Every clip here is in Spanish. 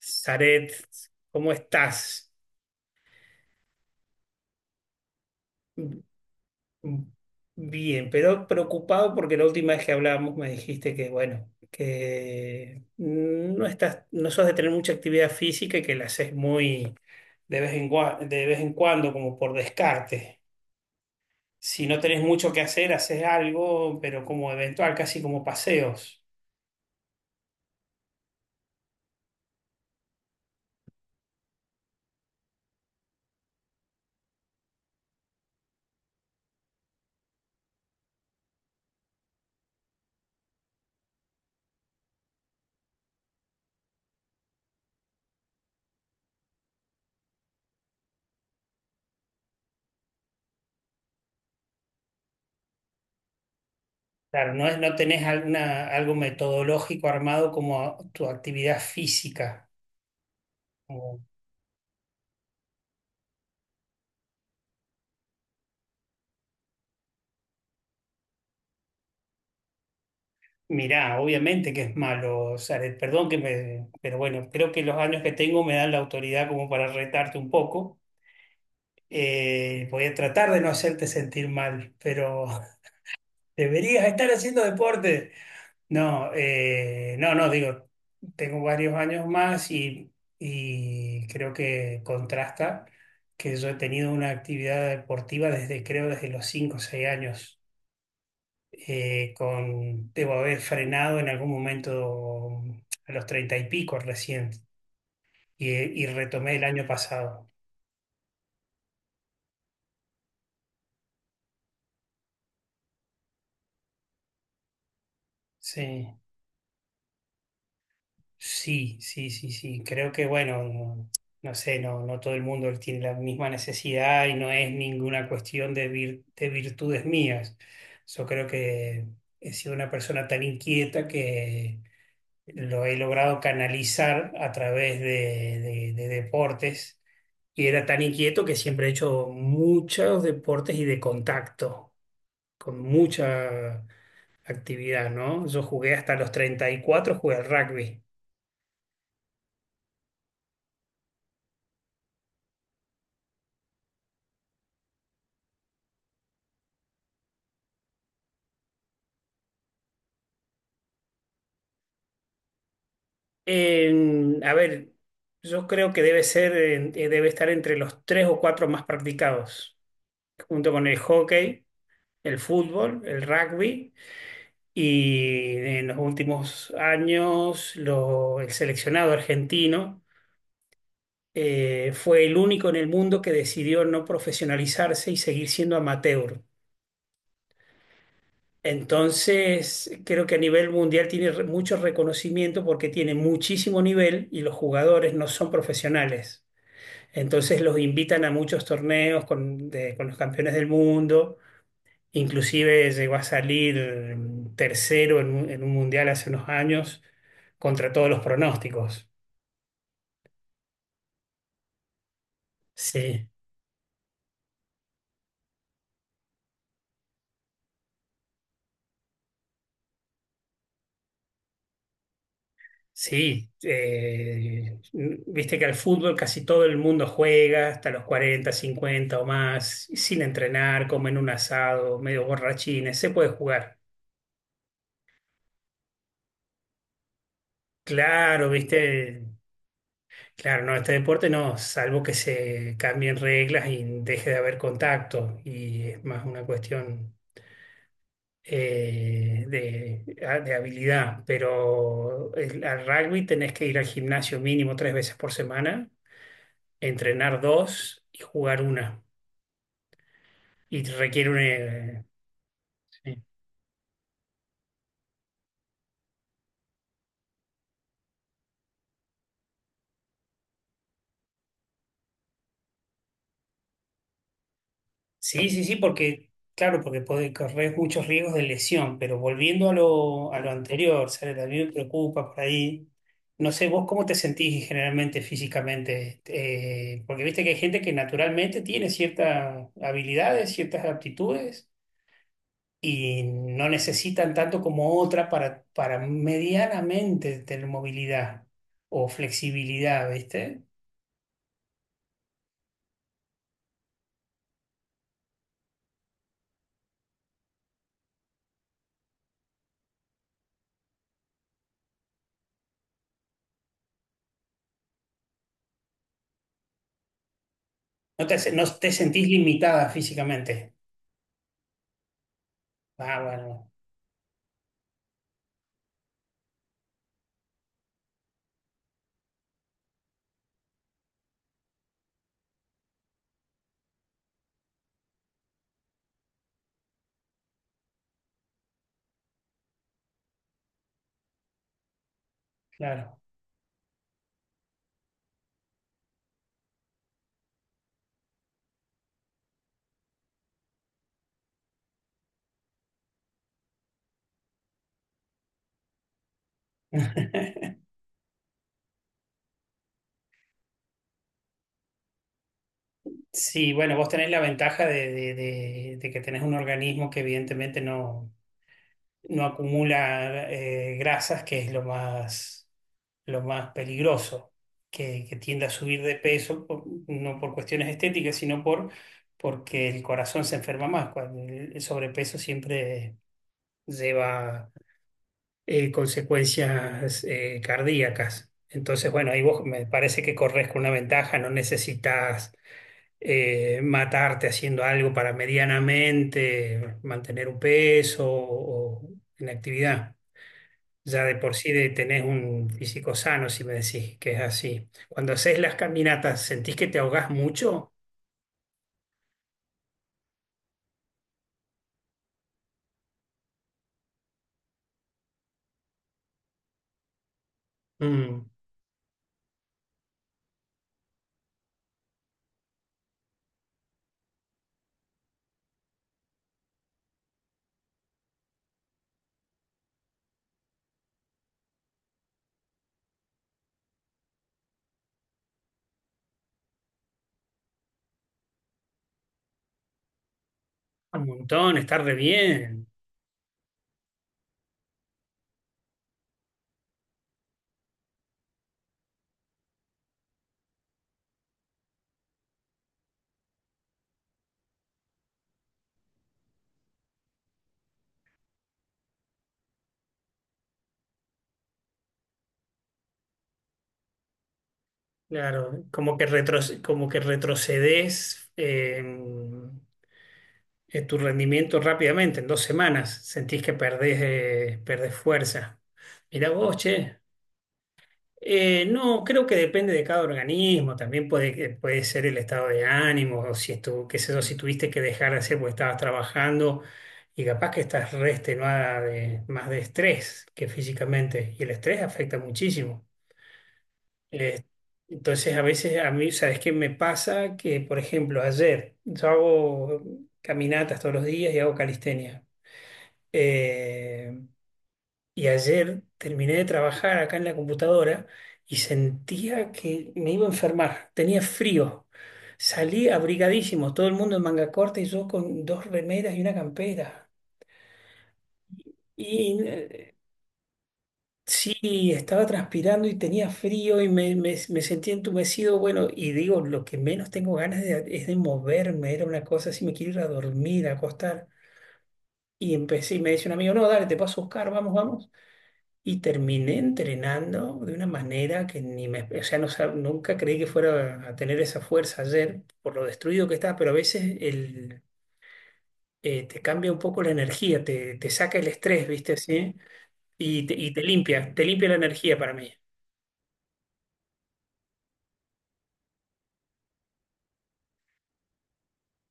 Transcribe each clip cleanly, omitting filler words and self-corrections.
Zaret, ¿cómo estás? Bien, pero preocupado porque la última vez que hablábamos me dijiste que, bueno, que no sos de tener mucha actividad física y que la haces muy de vez en cuando, como por descarte. Si no tenés mucho que hacer, haces algo, pero como eventual, casi como paseos. Claro, no tenés alguna, algo metodológico armado como tu actividad física. Mirá, obviamente que es malo, Zaret, perdón que me, pero bueno, creo que los años que tengo me dan la autoridad como para retarte un poco. Voy a tratar de no hacerte sentir mal, pero deberías estar haciendo deporte. No, digo, tengo varios años más y creo que contrasta que yo he tenido una actividad deportiva desde, creo, desde los 5 o 6 años con, debo haber frenado en algún momento a los treinta y pico recién y retomé el año pasado. Sí, sí, sí, sí, sí. Creo que, bueno, no, no sé, no todo el mundo tiene la misma necesidad y no es ninguna cuestión de, de virtudes mías. Yo creo que he sido una persona tan inquieta que lo he logrado canalizar a través de deportes y era tan inquieto que siempre he hecho muchos deportes y de contacto, con mucha actividad, ¿no? Yo jugué hasta los 34 jugué al rugby. A ver, yo creo que debe ser, debe estar entre los tres o cuatro más practicados, junto con el hockey, el fútbol, el rugby. Y en los últimos años, el seleccionado argentino fue el único en el mundo que decidió no profesionalizarse y seguir siendo amateur. Entonces, creo que a nivel mundial tiene mucho reconocimiento porque tiene muchísimo nivel y los jugadores no son profesionales. Entonces los invitan a muchos torneos con los campeones del mundo. Inclusive llegó a salir tercero en en un mundial hace unos años contra todos los pronósticos. Sí, sí. Viste que al fútbol casi todo el mundo juega hasta los 40 50 o más, sin entrenar, comen un asado, medio borrachines, se puede jugar. Claro, viste, claro, no, este deporte no, salvo que se cambien reglas y deje de haber contacto y es más una cuestión de habilidad, pero al rugby tenés que ir al gimnasio mínimo tres veces por semana, entrenar dos y jugar una. Y te requiere un... sí, sí, sí, sí, porque, claro, porque puede correr muchos riesgos de lesión, pero volviendo a a lo anterior, ¿sabes? A mí me preocupa por ahí. No sé, vos cómo te sentís generalmente físicamente. Porque viste que hay gente que naturalmente tiene ciertas habilidades, ciertas aptitudes, y no necesitan tanto como otra para medianamente tener movilidad o flexibilidad, ¿viste? No te sentís limitada físicamente. Ah, bueno, claro. Sí, bueno, vos tenés la ventaja de que tenés un organismo que evidentemente no acumula grasas, que es lo más peligroso, que tiende a subir de peso, no por cuestiones estéticas, sino por, porque el corazón se enferma más. Cuando el sobrepeso siempre lleva consecuencias cardíacas. Entonces, bueno, ahí vos me parece que corres con una ventaja, no necesitas matarte haciendo algo para medianamente mantener un peso o en actividad. Ya de por sí de, tenés un físico sano, si me decís que es así. Cuando haces las caminatas, ¿sentís que te ahogás mucho? Mm, un montón, está re bien. Claro, como que, como que retrocedes en tu rendimiento rápidamente, en dos semanas. Sentís que perdés, perdés fuerza. Mirá vos, che. No, creo que depende de cada organismo, también puede ser el estado de ánimo, o si estuvo qué sé yo, si tuviste que dejar de hacer porque estabas trabajando y capaz que estás re extenuada de, más de estrés que físicamente, y el estrés afecta muchísimo. Eh, entonces, a veces a mí, ¿sabes qué me pasa? Que, por ejemplo, ayer yo hago caminatas todos los días y hago calistenia. Eh, y ayer terminé de trabajar acá en la computadora y sentía que me iba a enfermar. Tenía frío. Salí abrigadísimo, todo el mundo en manga corta y yo con dos remeras y una campera. Y sí, estaba transpirando y tenía frío y me sentía entumecido. Bueno, y digo, lo que menos tengo ganas es de moverme. Era una cosa así, me quiero ir a dormir, a acostar. Y empecé y me dice un amigo, no, dale, te paso a buscar, vamos, vamos. Y terminé entrenando de una manera que ni me, o sea, no, nunca creí que fuera a tener esa fuerza ayer por lo destruido que estaba, pero a veces te cambia un poco la energía, te saca el estrés, ¿viste? Así, y te limpia la energía para mí.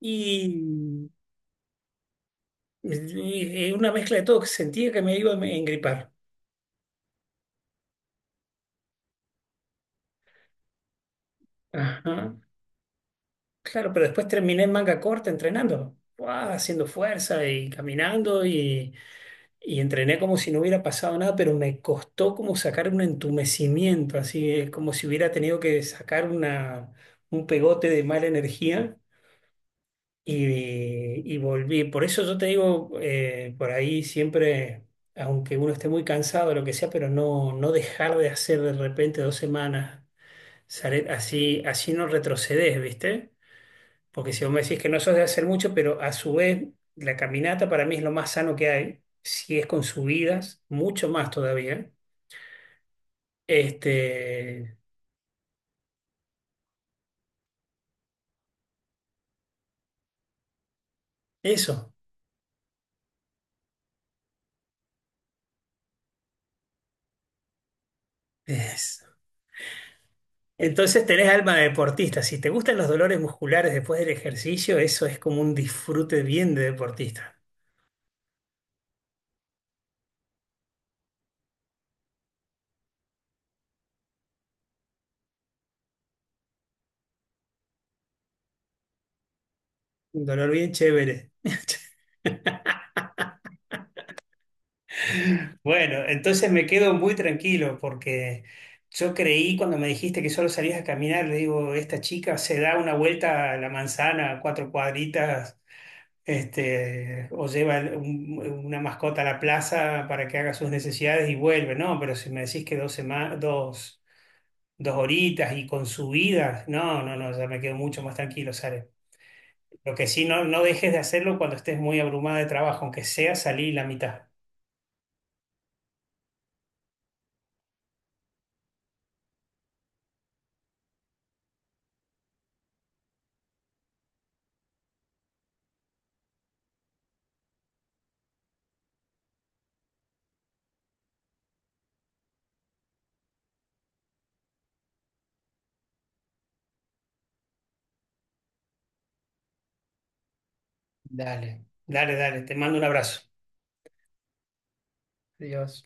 Y, y una mezcla de todo, que sentía que me iba a engripar. Ajá. Claro, pero después terminé en manga corta entrenando, ¡guau!, haciendo fuerza y caminando. Y entrené como si no hubiera pasado nada, pero me costó como sacar un entumecimiento, así como si hubiera tenido que sacar una, un pegote de mala energía y volví. Por eso yo te digo, por ahí siempre, aunque uno esté muy cansado, lo que sea, pero no dejar de hacer de repente dos semanas, así, así no retrocedes, ¿viste? Porque si vos me decís que no sos de hacer mucho, pero a su vez la caminata para mí es lo más sano que hay, si es con subidas, mucho más todavía. Este, eso es. Entonces tenés alma de deportista. Si te gustan los dolores musculares después del ejercicio, eso es como un disfrute bien de deportista. Un dolor bien chévere. Bueno, entonces me quedo muy tranquilo porque yo creí cuando me dijiste que solo salías a caminar, le digo, esta chica se da una vuelta a la manzana, cuatro cuadritas, este, o lleva una mascota a la plaza para que haga sus necesidades y vuelve. No, pero si me decís que dos horitas y con subidas, no, no, no, ya me quedo mucho más tranquilo, Sare. Lo que sí, no dejes de hacerlo cuando estés muy abrumada de trabajo, aunque sea salir la mitad. Dale. Dale, dale, te mando un abrazo. Adiós.